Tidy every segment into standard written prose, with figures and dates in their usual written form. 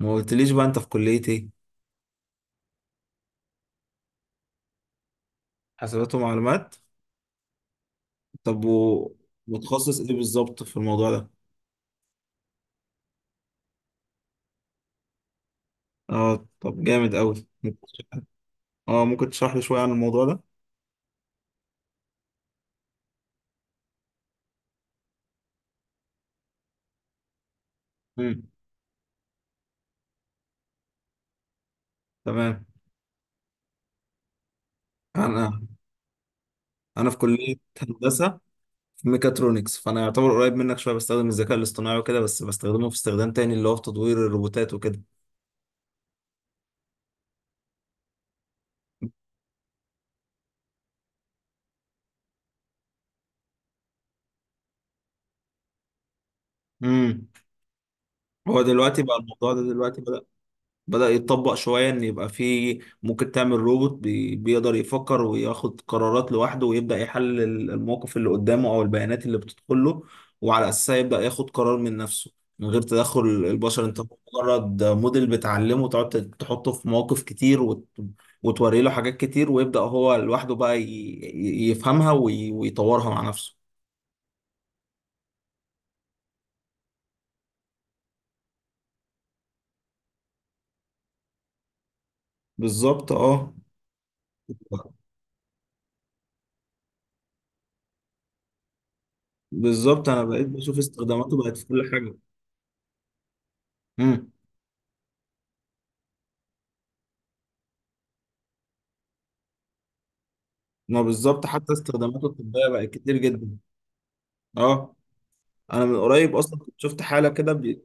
ما قلتليش بقى انت في كلية ايه؟ حسابات ومعلومات. طب متخصص ايه بالظبط في الموضوع ده؟ اه طب جامد قوي، اه ممكن تشرح لي شوية عن الموضوع ده؟ امم. تمام. انا انا في كلية هندسة، في ميكاترونكس، فانا يعتبر قريب منك شوية، بستخدم الذكاء الاصطناعي وكده، بس بستخدمه في استخدام تاني اللي هو في تطوير الروبوتات وكده. امم. هو دلوقتي بقى الموضوع ده دلوقتي بدأ يتطبق شوية، إن يبقى في ممكن تعمل روبوت بيقدر يفكر وياخد قرارات لوحده، ويبدأ يحلل الموقف اللي قدامه أو البيانات اللي بتدخل له، وعلى أساسها يبدأ ياخد قرار من نفسه من غير تدخل البشر. أنت مجرد موديل بتعلمه، تقعد تحطه في مواقف كتير، وتوري له حاجات كتير، ويبدأ هو لوحده بقى يفهمها ويطورها مع نفسه. بالظبط اه. بالظبط أنا بقيت بشوف استخداماته بقت في كل حاجة. مم. ما بالظبط، حتى استخداماته الطبية بقت كتير جدا. اه، انا من قريب اصلا كنت شفت حالة كده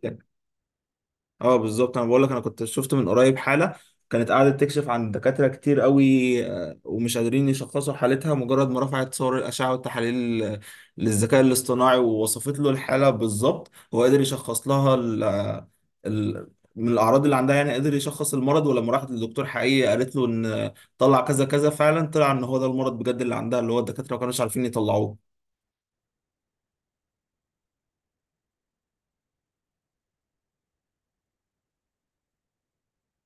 اه بالظبط، انا بقول لك، انا كنت شفت من قريب حالة كانت قاعدة تكشف عن دكاترة كتير قوي، ومش قادرين يشخصوا حالتها، مجرد ما رفعت صور الأشعة والتحاليل للذكاء الاصطناعي ووصفت له الحالة بالظبط، هو قدر يشخص لها ال... من الأعراض اللي عندها، يعني قدر يشخص المرض، ولما راحت للدكتور حقيقي قالت له إن طلع كذا كذا، فعلا طلع إن هو ده المرض بجد اللي عندها، اللي هو الدكاترة ما كانوش عارفين يطلعوه.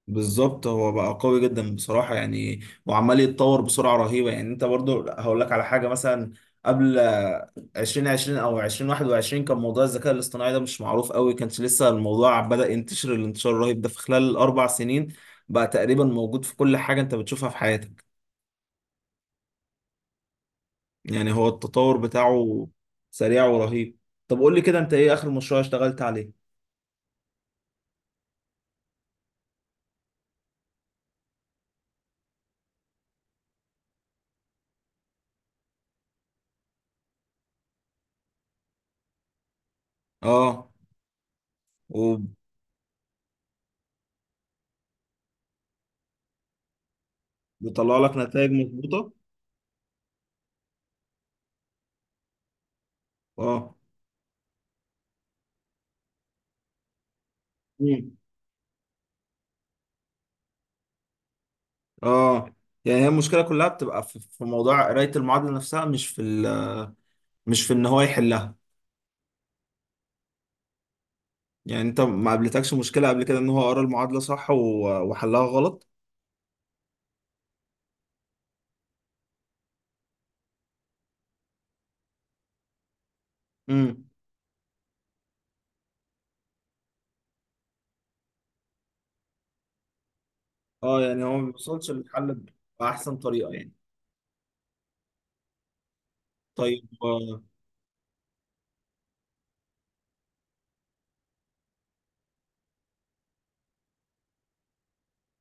بالظبط، هو بقى قوي جدا بصراحة يعني، وعمال يتطور بسرعة رهيبة. يعني انت برضو هقول لك على حاجة، مثلا قبل 2020 او 2021 كان موضوع الذكاء الاصطناعي ده مش معروف قوي، كانش لسه الموضوع بدأ ينتشر الانتشار الرهيب ده، في خلال ال4 سنين بقى تقريبا موجود في كل حاجة انت بتشوفها في حياتك. يعني هو التطور بتاعه سريع ورهيب. طب قول لي كده، انت ايه اخر مشروع اشتغلت عليه؟ اه. وبيطلع لك نتائج مظبوطة. اه. اه يعني هي المشكله كلها بتبقى في موضوع قرايه المعادله نفسها، مش في مش في ان هو يحلها. يعني انت ما قابلتكش مشكله قبل كده ان هو قرا المعادله صح وحلها غلط؟ امم. اه يعني هو ما بيوصلش للحل باحسن طريقه يعني. طيب.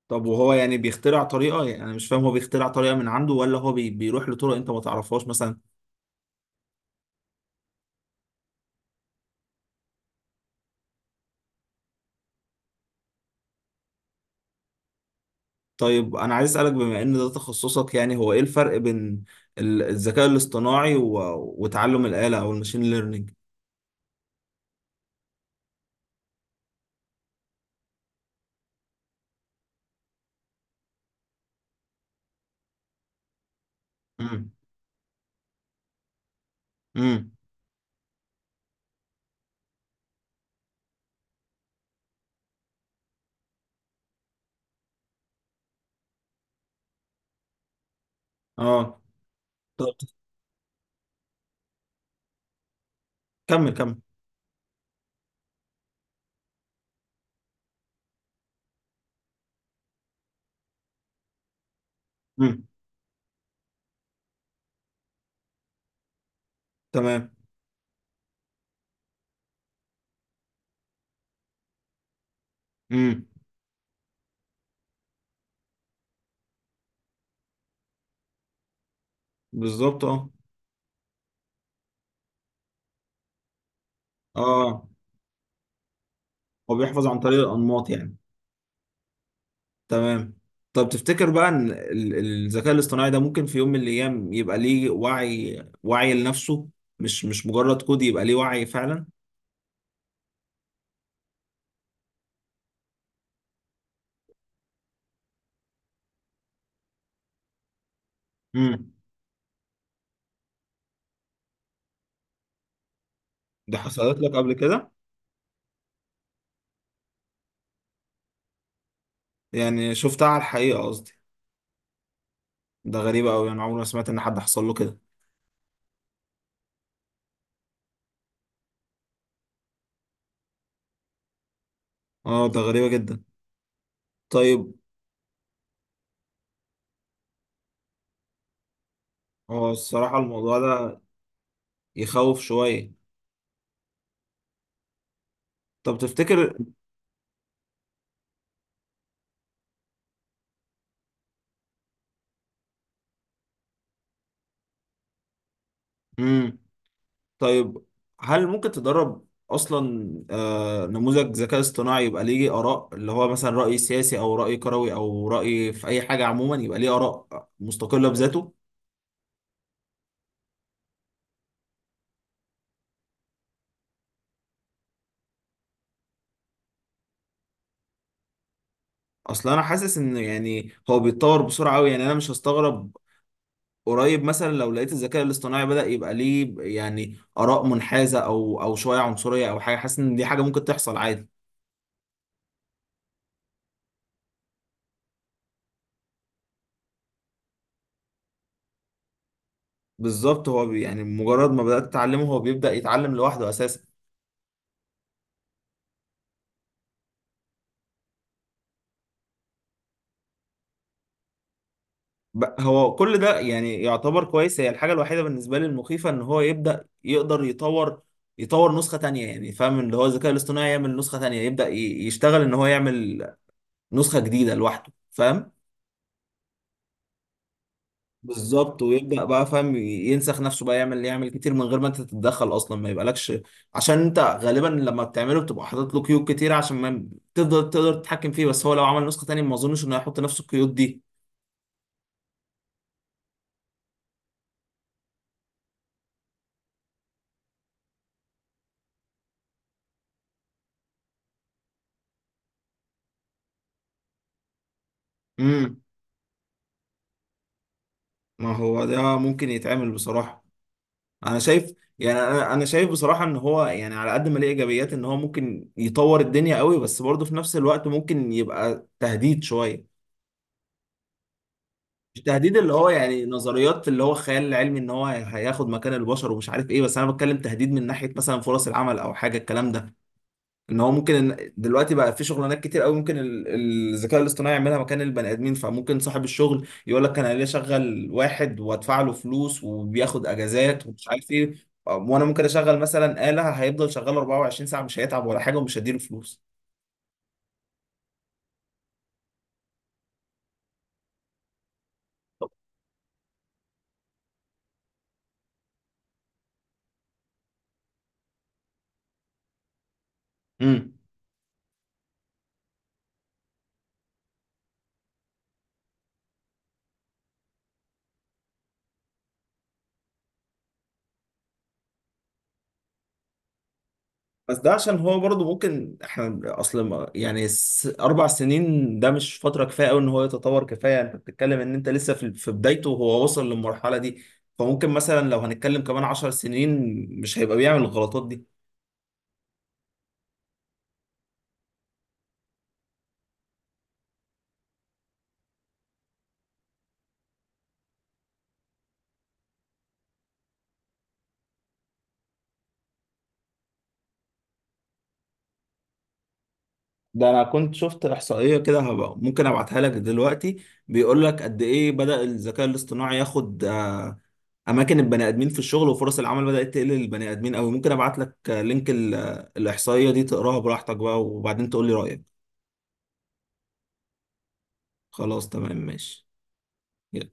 طب وهو يعني بيخترع طريقه؟ يعني انا مش فاهم، هو بيخترع طريقه من عنده، ولا هو بيروح لطرق انت ما تعرفهاش مثلا؟ طيب انا عايز اسالك، بما ان ده تخصصك، يعني هو ايه الفرق بين الذكاء الاصطناعي وتعلم الاله او الماشين ليرنينج؟ امم. اه. طب كمل، كمل. امم. تمام. امم. بالظبط اه. اه، هو بيحفظ عن طريق الانماط يعني. تمام. طب تفتكر بقى ان الذكاء الاصطناعي ده ممكن في يوم من الايام يبقى ليه وعي، وعي لنفسه، مش مجرد كود، يبقى ليه وعي فعلا؟ امم. ده حصلت لك قبل كده؟ يعني شفتها على الحقيقة قصدي. ده غريبة قوي، انا عمري ما سمعت ان حد حصل له كده. اه ده غريبة جدا. طيب. هو الصراحة الموضوع ده يخوف شوية. طب تفتكر. امم. طيب، هل ممكن تدرب اصلا نموذج ذكاء اصطناعي يبقى ليه اراء، اللي هو مثلا راي سياسي او راي كروي او راي في اي حاجه عموما، يبقى ليه اراء مستقله بذاته؟ اصل انا حاسس ان يعني هو بيتطور بسرعه قوي، يعني انا مش هستغرب قريب مثلا لو لقيت الذكاء الاصطناعي بدأ يبقى ليه يعني اراء منحازه او شويه عنصريه او حاجه، حاسس ان دي حاجه ممكن تحصل عادي. بالظبط. يعني مجرد ما بدأت تتعلمه هو بيبدأ يتعلم لوحده اساسا. هو كل ده يعني يعتبر كويس، هي الحاجة الوحيدة بالنسبة لي المخيفة ان هو يبدأ يقدر يطور، يطور نسخة تانية. يعني فاهم؟ اللي هو الذكاء الاصطناعي يعمل نسخة تانية، يبدأ يشتغل ان هو يعمل نسخة جديدة لوحده، فاهم؟ بالظبط، ويبدأ بقى فاهم ينسخ نفسه بقى، يعمل يعمل كتير من غير ما انت تتدخل اصلا، ما يبقالكش. عشان انت غالبا لما بتعمله بتبقى حاطط له قيود كتير عشان ما تفضل تقدر تتحكم فيه، بس هو لو عمل نسخة تانية ما اظنش انه هيحط نفس القيود دي. امم. ما هو ده ممكن يتعمل بصراحة. انا شايف، يعني أنا شايف بصراحه ان هو يعني على قد ما ليه ايجابيات ان هو ممكن يطور الدنيا قوي، بس برضه في نفس الوقت ممكن يبقى تهديد شويه. مش تهديد اللي هو يعني نظريات اللي هو الخيال العلمي، ان هو هياخد مكان البشر ومش عارف ايه، بس انا بتكلم تهديد من ناحيه مثلا فرص العمل او حاجه الكلام ده. ان هو ممكن، إن دلوقتي بقى في شغلانات كتير قوي ممكن الذكاء الاصطناعي يعملها مكان البني ادمين، فممكن صاحب الشغل يقول لك انا ليه اشغل واحد وادفع له فلوس وبياخد اجازات ومش عارف ايه، وانا ممكن اشغل مثلا آلة هيفضل شغال 24 ساعة، مش هيتعب ولا حاجة ومش هديله فلوس. امم. بس ده عشان هو برضه ممكن، احنا اصل يعني 4 سنين ده مش فتره كفايه قوي ان هو يتطور كفايه، انت بتتكلم ان انت لسه في بدايته وهو وصل للمرحله دي، فممكن مثلا لو هنتكلم كمان 10 سنين مش هيبقى بيعمل الغلطات دي. ده انا كنت شفت احصائيه كده، هبقى ممكن ابعتها لك دلوقتي، بيقول لك قد ايه بدأ الذكاء الاصطناعي ياخد اماكن البني ادمين في الشغل، وفرص العمل بدأت تقل للبني ادمين قوي. ممكن ابعت لك لينك الاحصائيه دي تقراها براحتك بقى، وبعدين تقول لي رأيك. خلاص تمام ماشي. يلا.